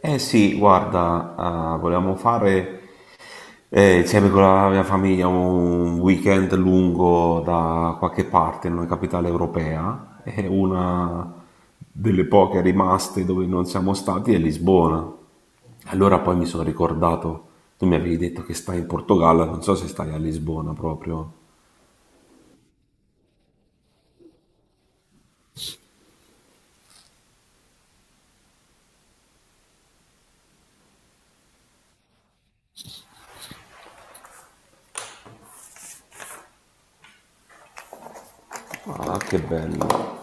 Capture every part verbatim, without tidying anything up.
Eh sì, guarda, ah, volevamo fare eh, insieme con la mia famiglia un weekend lungo da qualche parte in una capitale europea. E una delle poche rimaste dove non siamo stati è Lisbona. Allora poi mi sono ricordato, tu mi avevi detto che stai in Portogallo, non so se stai a Lisbona proprio. Ah, che bello.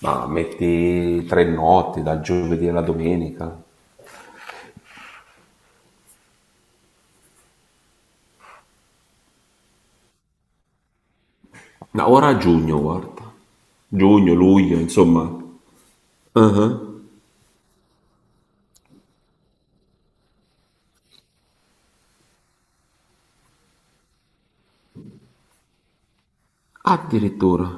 Ma metti tre notti, dal giovedì alla domenica. No, ora a giugno, guarda. Giugno, luglio, insomma. Ah. Addirittura.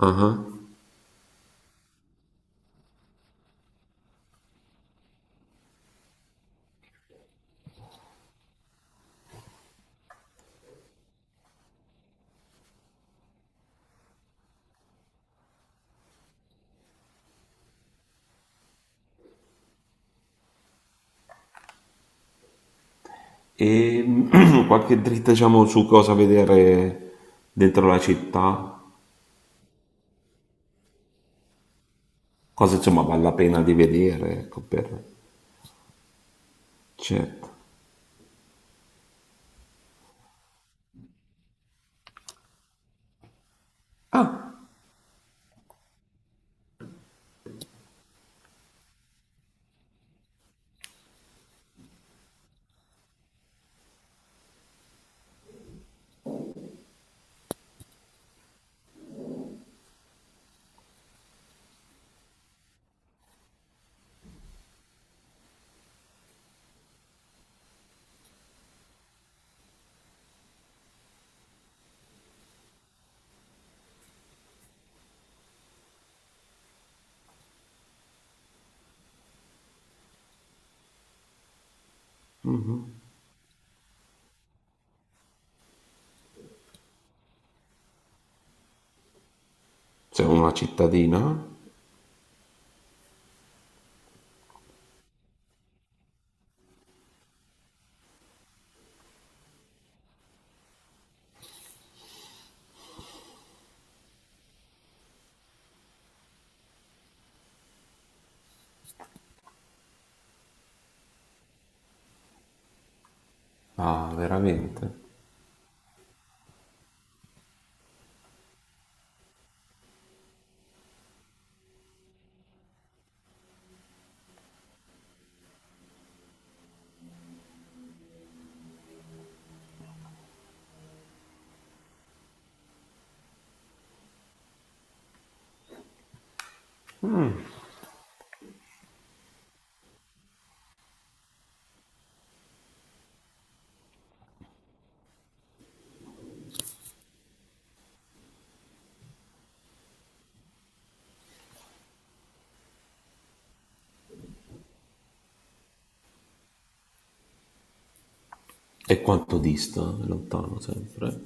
Ah. E qualche dritta, diciamo, su cosa vedere dentro la città, cosa insomma vale la pena di vedere, ecco, per... Certo. Ah, c'è una cittadina? Ah, veramente? E quanto dista? È lontano sempre.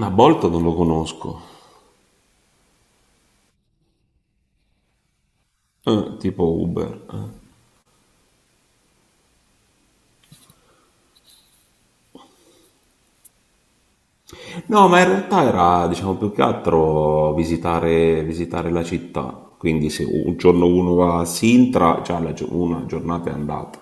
Ma Bolt non lo conosco. Eh, tipo Uber. Eh. No, ma in realtà era, diciamo, più che altro visitare, visitare la città. Quindi se un giorno uno va a Sintra, già la gio- una giornata è andata.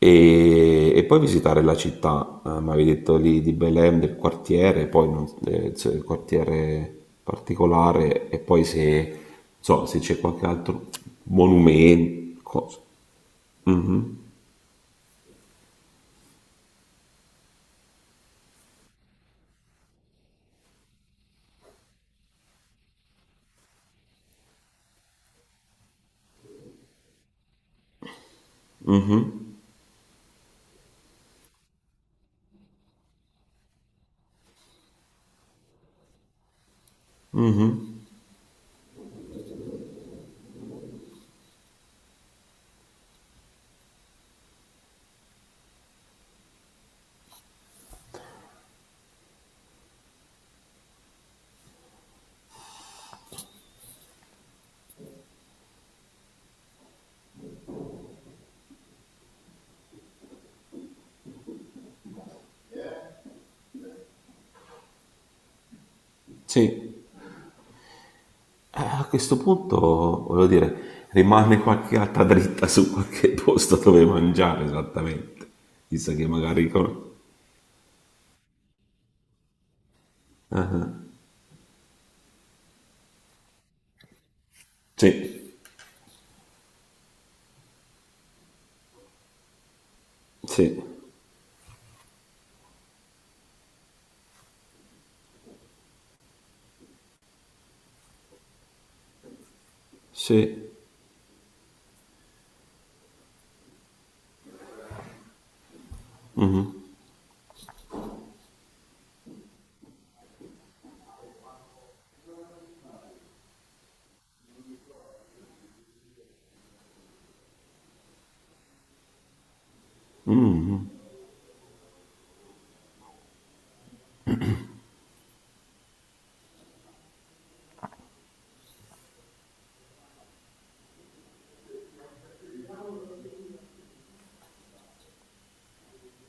E, e poi visitare la città, eh, mi avevi detto lì di Belém, del quartiere, poi non- eh, se- il quartiere particolare, e poi se, non so, se c'è qualche altro monumento, cosa. Mhm. Sì. Eh, a questo punto, voglio dire, rimane qualche altra dritta su qualche posto dove mangiare esattamente. Chissà che magari... con- Sì, sì, sì,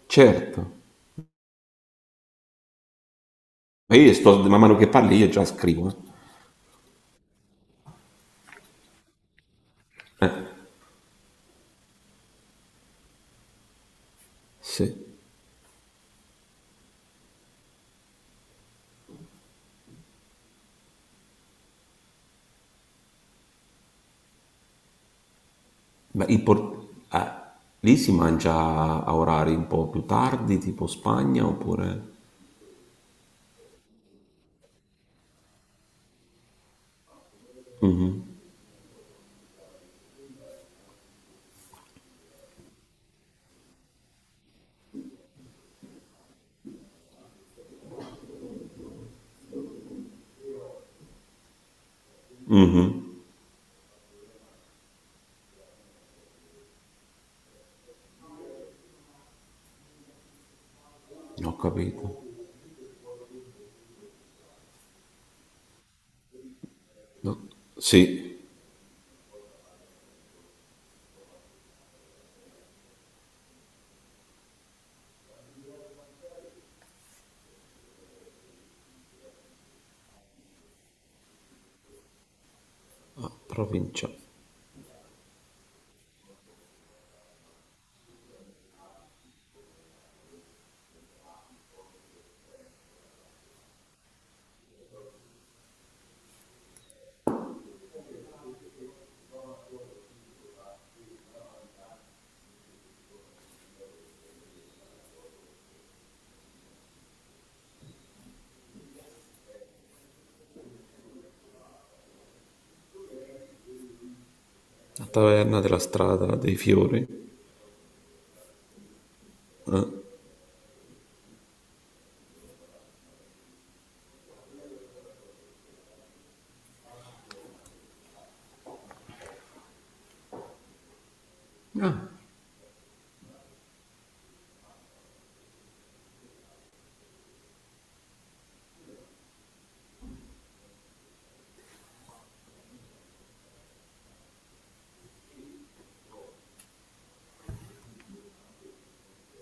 certo. Ma io sto, man mano che parli io già scrivo. Eh. Eh, sì. Ma il por- eh, lì si mangia a orari un po' più tardi, tipo Spagna, oppure... Non ho capito. No. Sì, a provincia. La taverna della strada dei fiori. Eh. Ah.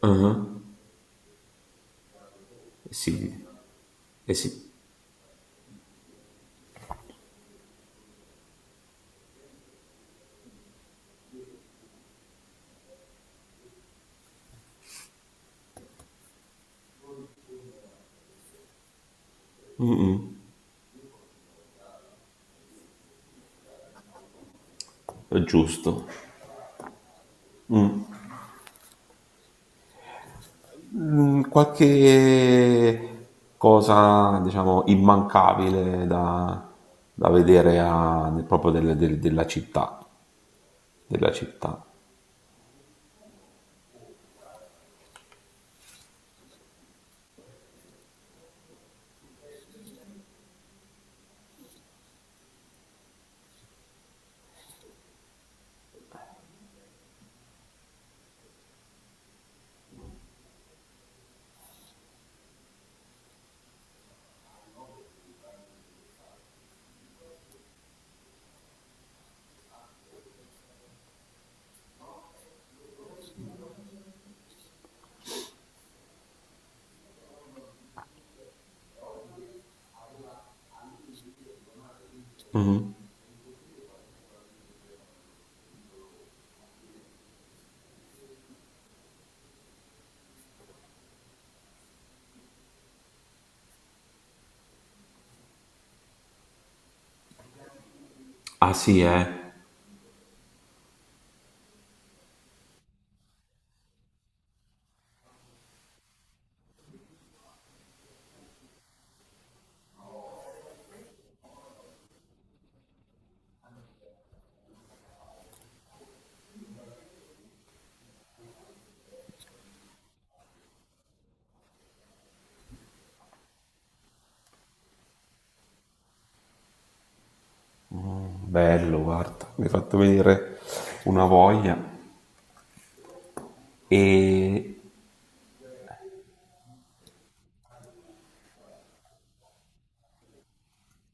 Ah. Eh sì, eh sì, è giusto. Mm, qualche cosa, diciamo, immancabile da, da vedere a- proprio del- del- della città, della città. Mhm. Ah sì, eh. Bello, guarda, mi hai fatto venire una voglia. E